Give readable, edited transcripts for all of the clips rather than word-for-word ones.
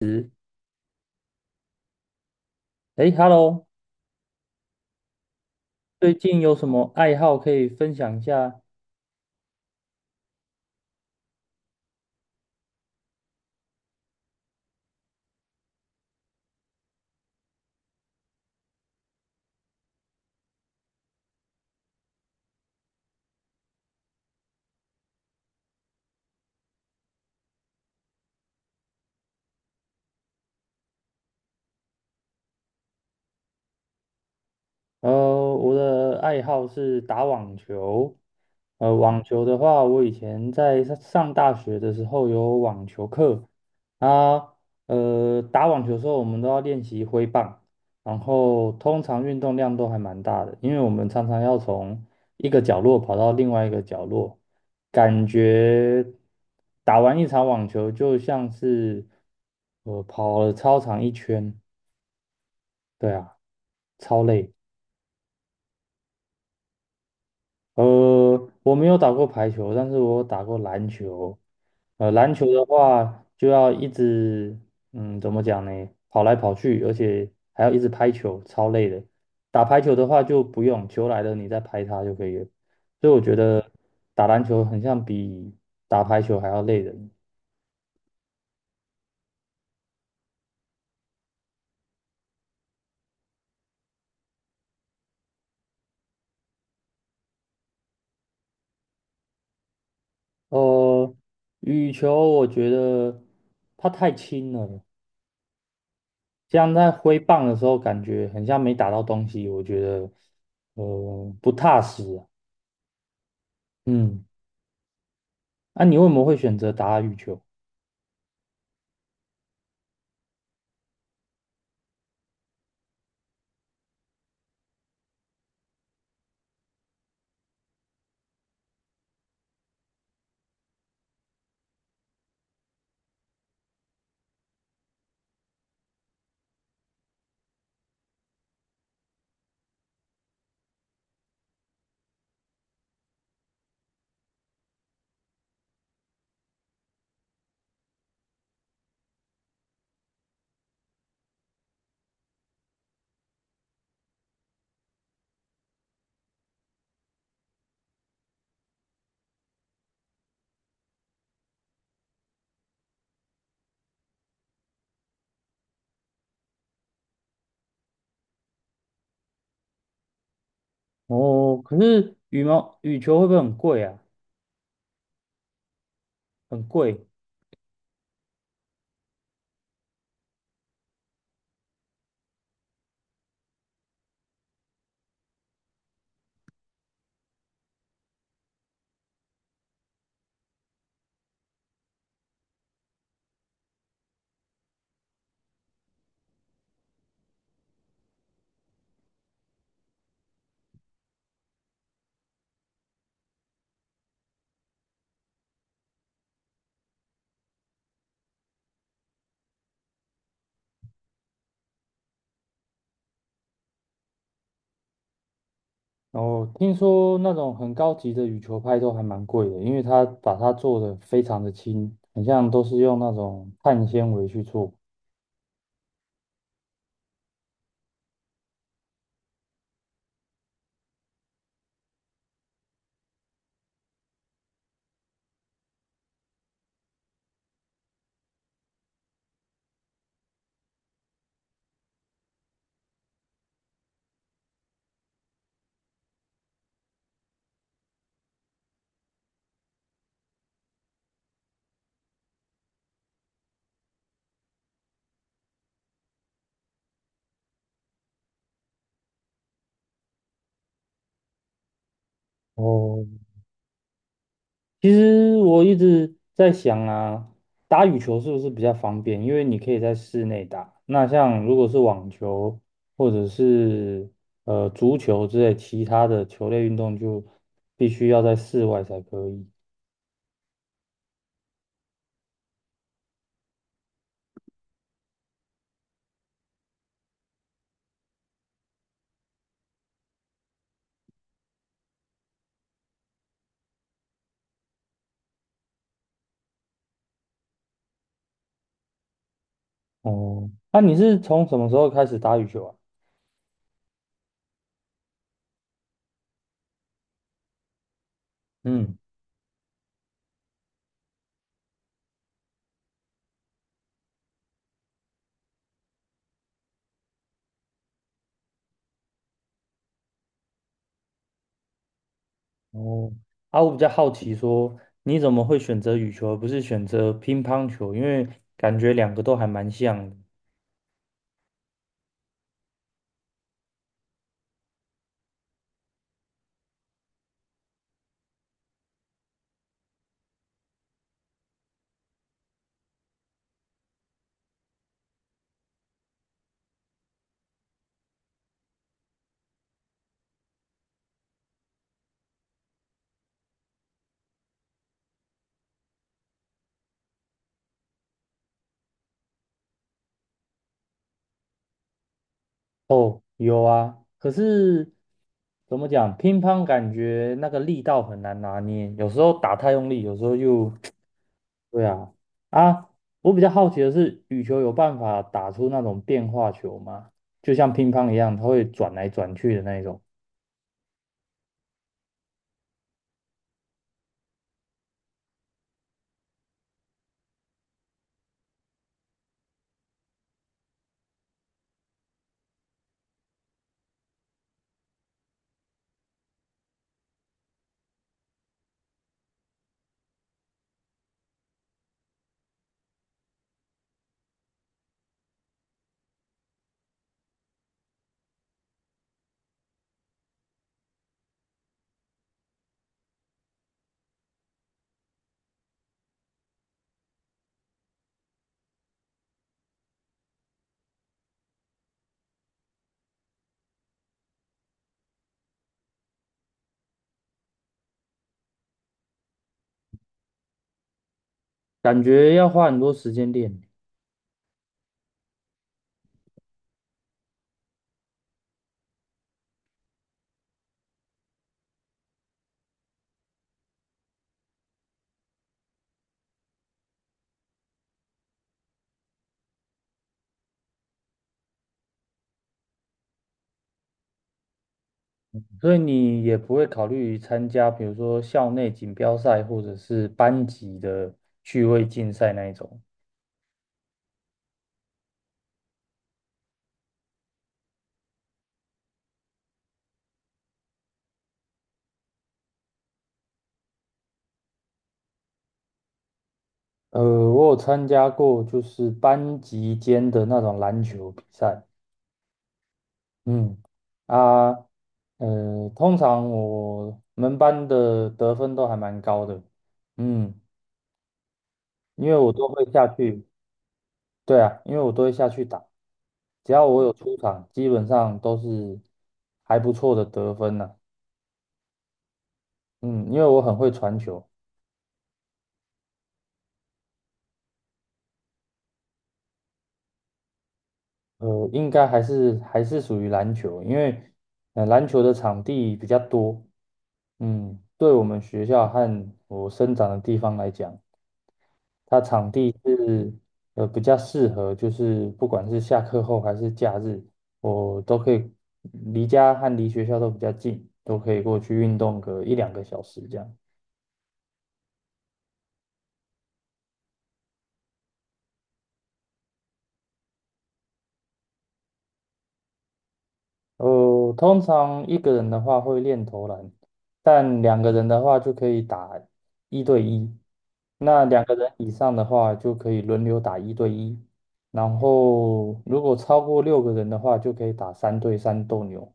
哎， Hello。 最近有什么爱好可以分享一下？我的爱好是打网球。网球的话，我以前在上大学的时候有网球课啊。打网球的时候，我们都要练习挥棒，然后通常运动量都还蛮大的，因为我们常常要从一个角落跑到另外一个角落，感觉打完一场网球就像是跑了操场一圈。对啊，超累。我没有打过排球，但是我打过篮球。篮球的话就要一直，怎么讲呢？跑来跑去，而且还要一直拍球，超累的。打排球的话就不用，球来了你再拍它就可以了。所以我觉得打篮球很像比打排球还要累人。呃，羽球我觉得它太轻了，这样在挥棒的时候，感觉很像没打到东西，我觉得不踏实啊。嗯，那，你为什么会选择打羽球？哦，可是羽球会不会很贵啊？很贵。哦，听说那种很高级的羽球拍都还蛮贵的，因为它把它做的非常的轻，很像都是用那种碳纤维去做。哦，其实我一直在想啊，打羽球是不是比较方便？因为你可以在室内打。那像如果是网球或者是足球之类其他的球类运动，就必须要在室外才可以。哦，那你是从什么时候开始打羽球啊？嗯，哦，啊，我比较好奇说，你怎么会选择羽球而不是选择乒乓球？因为感觉两个都还蛮像的。哦，有啊，可是怎么讲，乒乓感觉那个力道很难拿捏，有时候打太用力，有时候又，对啊。啊，我比较好奇的是，羽球有办法打出那种变化球吗？就像乒乓一样，它会转来转去的那一种。感觉要花很多时间练。所以你也不会考虑参加，比如说校内锦标赛或者是班级的趣味竞赛那一种。呃，我有参加过就是班级间的那种篮球比赛。嗯，啊，通常我们班的得分都还蛮高的。嗯，因为我都会下去。对啊，因为我都会下去打，只要我有出场，基本上都是还不错的得分呢。嗯，因为我很会传球。应该还是属于篮球，因为篮球的场地比较多。嗯，对我们学校和我生长的地方来讲，它场地是比较适合，就是不管是下课后还是假日，我都可以离家和离学校都比较近，都可以过去运动个一两个小时这样。通常一个人的话会练投篮，但两个人的话就可以打一对一。那两个人以上的话就可以轮流打一对一，然后如果超过六个人的话，就可以打三对三斗牛。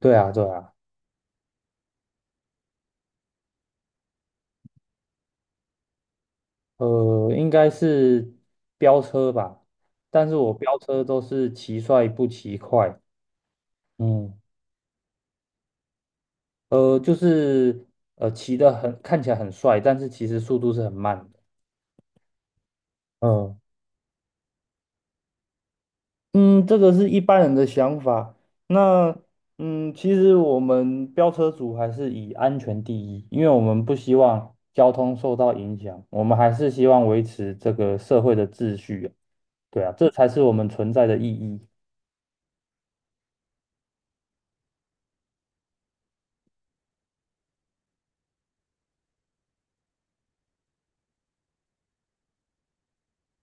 对啊，对啊。应该是飙车吧，但是我飙车都是骑帅不骑快。嗯，就是骑得很看起来很帅，但是其实速度是很慢的。嗯。嗯，这个是一般人的想法。那，其实我们飙车族还是以安全第一，因为我们不希望交通受到影响，我们还是希望维持这个社会的秩序啊。对啊，这才是我们存在的意义。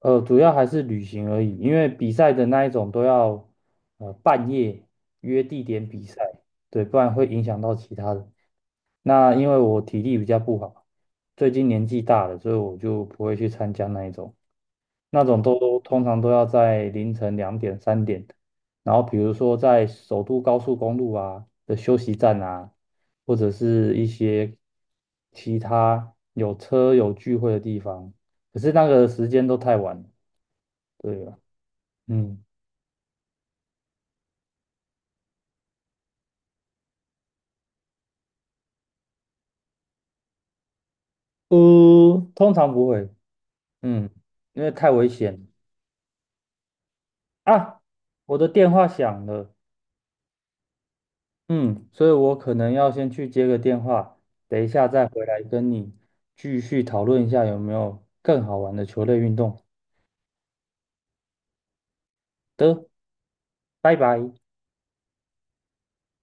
主要还是旅行而已，因为比赛的那一种都要半夜约地点比赛。对，不然会影响到其他人。那因为我体力比较不好，最近年纪大了，所以我就不会去参加那一种。那种都通常都要在凌晨2点、3点的，然后比如说在首都高速公路啊的休息站啊，或者是一些其他有车有聚会的地方，可是那个时间都太晚了。对啊。嗯，通常不会。嗯，因为太危险啊。我的电话响了。嗯，所以我可能要先去接个电话，等一下再回来跟你继续讨论一下有没有更好玩的球类运动的。拜拜。